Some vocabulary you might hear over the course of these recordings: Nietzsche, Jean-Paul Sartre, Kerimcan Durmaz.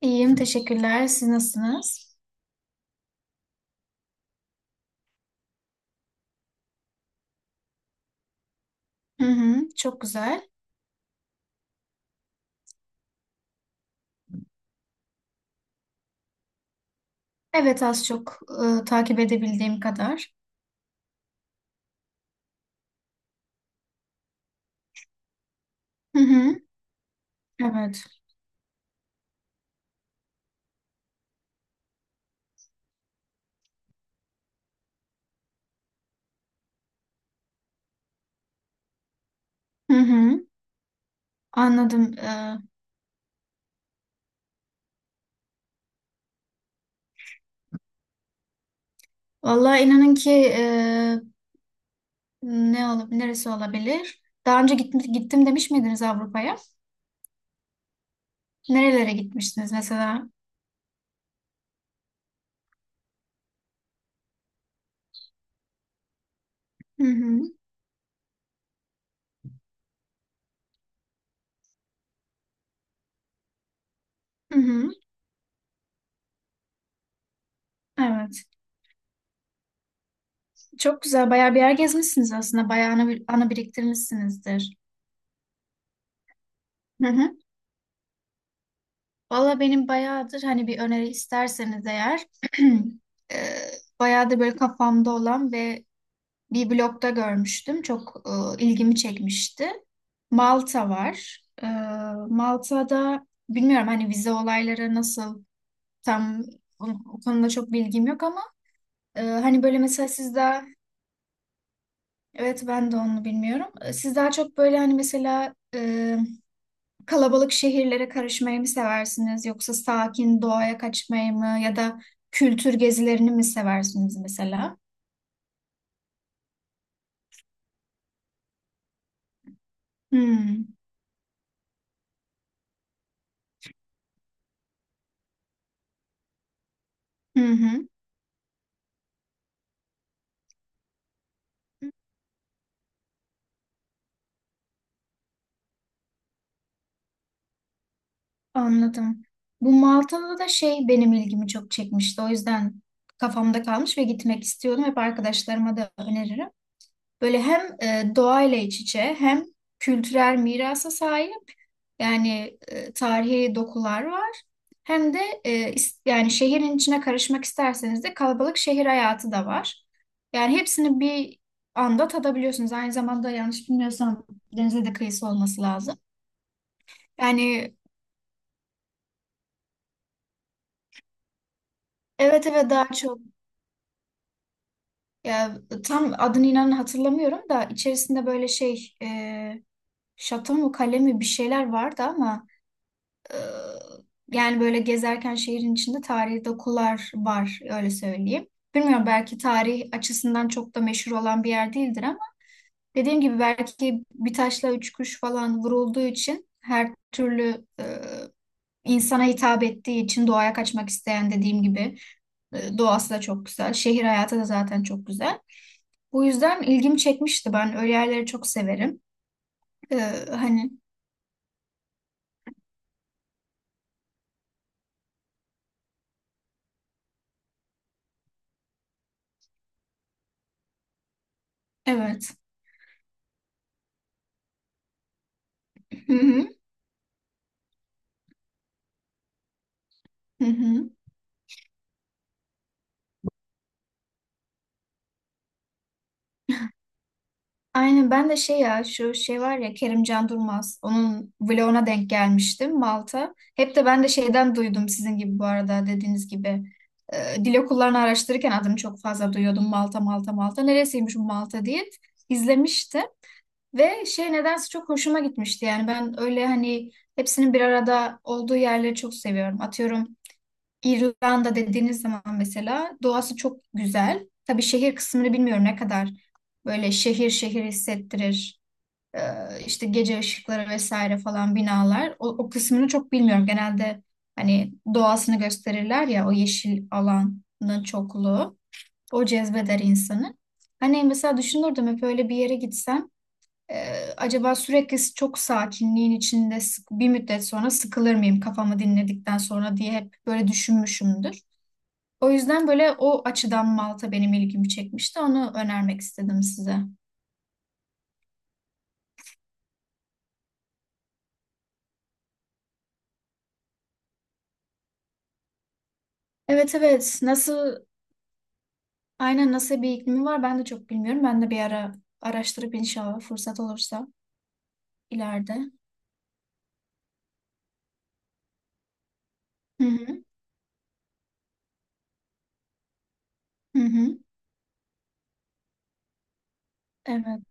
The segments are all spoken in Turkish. İyiyim, teşekkürler. Siz nasılsınız? Hı hı, çok güzel. Evet, az çok, takip edebildiğim kadar. Hı hı, evet. Hı hı, anladım. Vallahi inanın ki, ne olup neresi olabilir? Daha önce gittim demiş miydiniz Avrupa'ya? Nerelere gitmiştiniz mesela? Hı hı, hı hı, evet. Çok güzel. Bayağı bir yer gezmişsiniz aslında. Bayağı ana biriktirmişsinizdir. Hı hı. Valla benim bayağıdır hani bir öneri isterseniz eğer e, bayağıdır böyle kafamda olan ve bir blogda görmüştüm. Çok ilgimi çekmişti. Malta var. Malta'da bilmiyorum hani vize olayları nasıl, tam o, o konuda çok bilgim yok ama hani böyle mesela siz daha evet, ben de onu bilmiyorum. Siz daha çok böyle hani mesela kalabalık şehirlere karışmayı mı seversiniz, yoksa sakin doğaya kaçmayı mı, ya da kültür gezilerini mi seversiniz mesela? Hmm. Hı hı. Anladım. Bu Malta'da da şey, benim ilgimi çok çekmişti. O yüzden kafamda kalmış ve gitmek istiyordum. Hep arkadaşlarıma da öneririm. Böyle hem doğayla iç içe, hem kültürel mirasa sahip. Yani, tarihi dokular var. Hem de yani şehrin içine karışmak isterseniz de kalabalık şehir hayatı da var. Yani hepsini bir anda tadabiliyorsunuz. Aynı zamanda yanlış bilmiyorsam denize de kıyısı olması lazım. Yani evet, evet, daha çok ya, tam adını inanın hatırlamıyorum, da içerisinde böyle şey, şato mu kale mi bir şeyler vardı ama Ee, yani böyle gezerken şehrin içinde tarihi dokular var, öyle söyleyeyim. Bilmiyorum, belki tarih açısından çok da meşhur olan bir yer değildir ama dediğim gibi, belki bir taşla üç kuş falan vurulduğu için, her türlü insana hitap ettiği için, doğaya kaçmak isteyen, dediğim gibi, doğası da çok güzel. Şehir hayatı da zaten çok güzel. Bu yüzden ilgimi çekmişti. Ben öyle yerleri çok severim. Ee, hani evet. Hı hı. Hı hı. Aynen, ben de şey, ya şu şey var ya, Kerimcan Durmaz, onun vloguna denk gelmiştim, Malta. Hep de ben de şeyden duydum sizin gibi, bu arada, dediğiniz gibi. Dil okullarını araştırırken adını çok fazla duyuyordum, Malta Malta Malta. Neresiymiş bu Malta diye izlemiştim. Ve şey, nedense çok hoşuma gitmişti, yani ben öyle hani hepsinin bir arada olduğu yerleri çok seviyorum. Atıyorum, İrlanda dediğiniz zaman mesela doğası çok güzel. Tabii şehir kısmını bilmiyorum, ne kadar böyle şehir şehir hissettirir. Ee, işte gece ışıkları vesaire falan, binalar. O kısmını çok bilmiyorum. Genelde hani doğasını gösterirler ya, o yeşil alanın çokluğu. O cezbeder insanı. Hani mesela düşünürdüm hep, öyle bir yere gitsem e, acaba sürekli çok sakinliğin içinde bir müddet sonra sıkılır mıyım kafamı dinledikten sonra diye, hep böyle düşünmüşümdür. O yüzden böyle, o açıdan Malta benim ilgimi çekmişti. Onu önermek istedim size. Evet, evet. Nasıl, aynen nasıl bir iklimi var ben de çok bilmiyorum. Ben de bir ara araştırıp inşallah fırsat olursa ileride. Hı hı. Hı hı. Evet.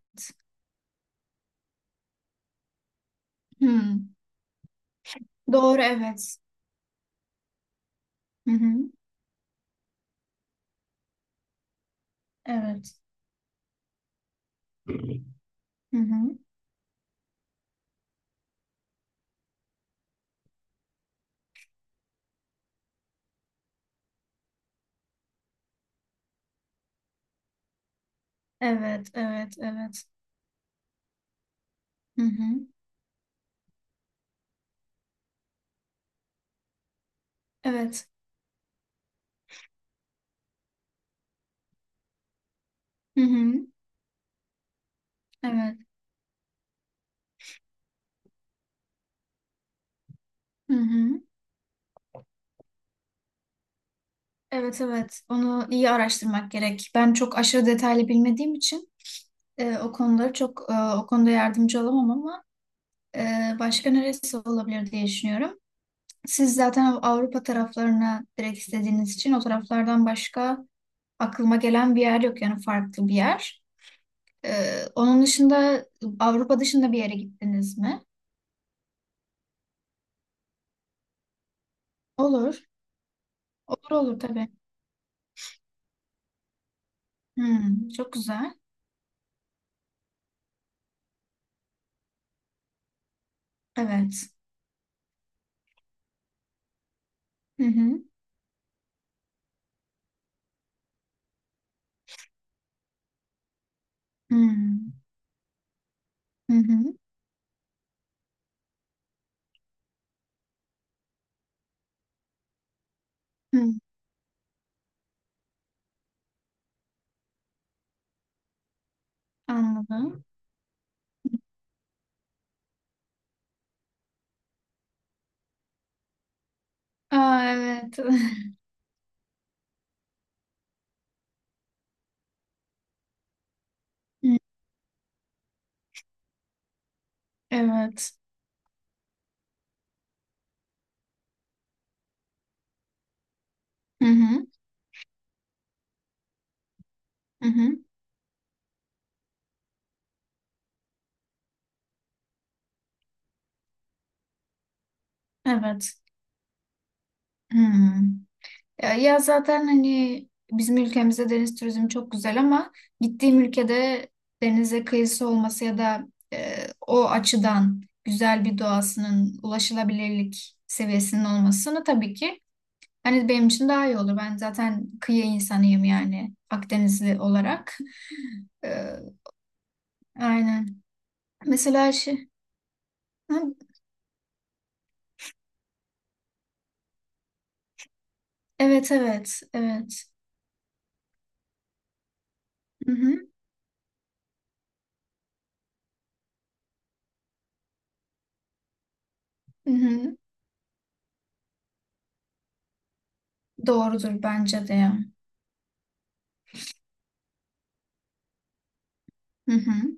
Hı. Doğru, evet. Hı hı. Evet. Hı hı. Evet, evet, evet. Hı hı. Evet. Hı hı. Evet. Hı hı. Evet, evet. Onu iyi araştırmak gerek. Ben çok aşırı detaylı bilmediğim için, o konuları çok, o konuda yardımcı olamam ama başka neresi olabilir diye düşünüyorum. Siz zaten Avrupa taraflarına direkt istediğiniz için, o taraflardan başka aklıma gelen bir yer yok, yani farklı bir yer. Onun dışında, Avrupa dışında bir yere gittiniz mi? Olur. Olur, olur, tabii. Hmm, çok güzel. Evet. Hı hı. Hmm. Hı hı. Hı. Anladım. Aa, evet. Hı, evet. Hı hı. Hı hı. Evet. Hmm. Ya, zaten hani bizim ülkemizde deniz turizmi çok güzel ama gittiğim ülkede denize kıyısı olması, ya da e, o açıdan güzel bir doğasının, ulaşılabilirlik seviyesinin olmasını tabii ki hani benim için daha iyi olur. Ben zaten kıyı insanıyım, yani Akdenizli olarak. E, aynen. Mesela şey. Hı, evet, evet, evet. Hı hı, hı hı. Doğrudur bence de ya. Hı hı.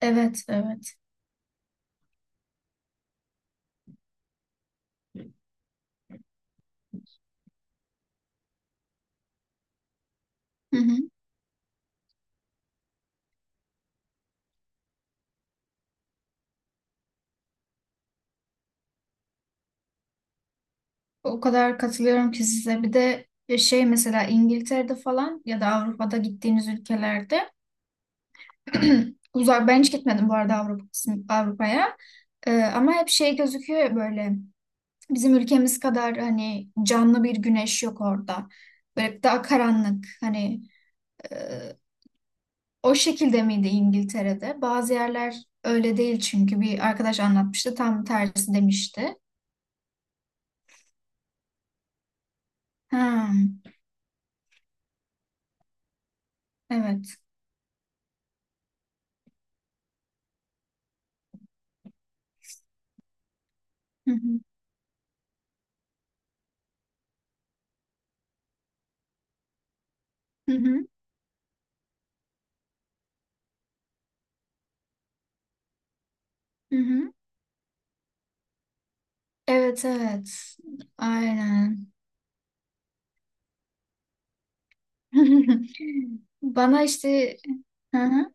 Evet, evet. Hı hı. O kadar katılıyorum ki size. Bir de şey, mesela İngiltere'de falan ya da Avrupa'da gittiğiniz ülkelerde uzak, ben hiç gitmedim bu arada Avrupa, kısmı Avrupa'ya. Ama hep şey gözüküyor ya, böyle bizim ülkemiz kadar hani canlı bir güneş yok orada. Böyle daha karanlık, hani e, o şekilde miydi İngiltere'de? Bazı yerler öyle değil, çünkü bir arkadaş anlatmıştı, tam tersi demişti. Ha, evet. Hı hı. Hı hı. Hı hı. Evet, evet. Aynen. Bana işte. Hı hı,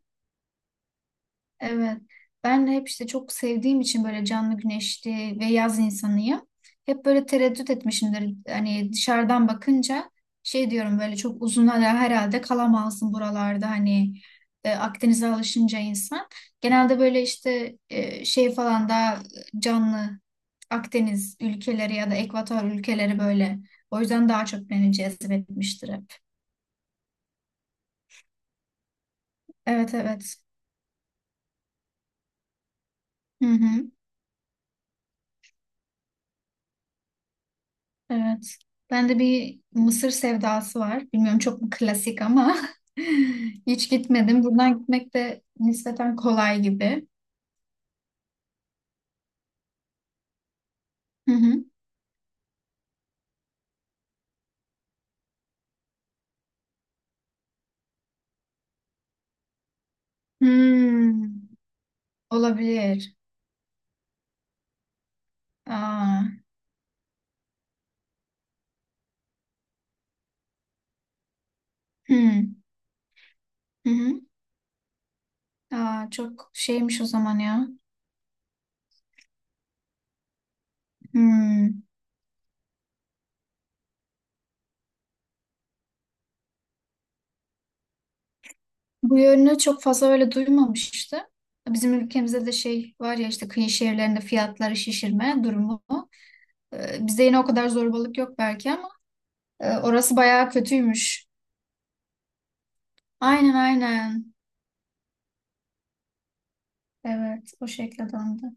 evet. Ben de hep işte, çok sevdiğim için böyle canlı, güneşli ve yaz insanıyım. Hep böyle tereddüt etmişimdir. Hani dışarıdan bakınca şey diyorum, böyle çok uzun hala herhalde kalamazsın buralarda, hani Akdeniz'e alışınca insan. Genelde böyle işte, şey falan, daha canlı Akdeniz ülkeleri ya da Ekvator ülkeleri böyle. O yüzden daha çok beni cezbetmiştir hep. Evet, evet. Hı hı. Evet. Bende bir Mısır sevdası var. Bilmiyorum, çok mu klasik ama hiç gitmedim. Buradan gitmek de nispeten kolay gibi. Hı hı. Hmm, olabilir. Aa, hmm, hı hı. Aa, çok şeymiş o zaman ya. Hmm. Bu yönünü çok fazla öyle duymamıştım. Bizim ülkemizde de şey var ya, işte kıyı şehirlerinde fiyatları şişirme durumu. Bizde yine o kadar zorbalık yok belki, ama orası bayağı kötüymüş. Aynen, aynen. Evet, o şekilde döndü.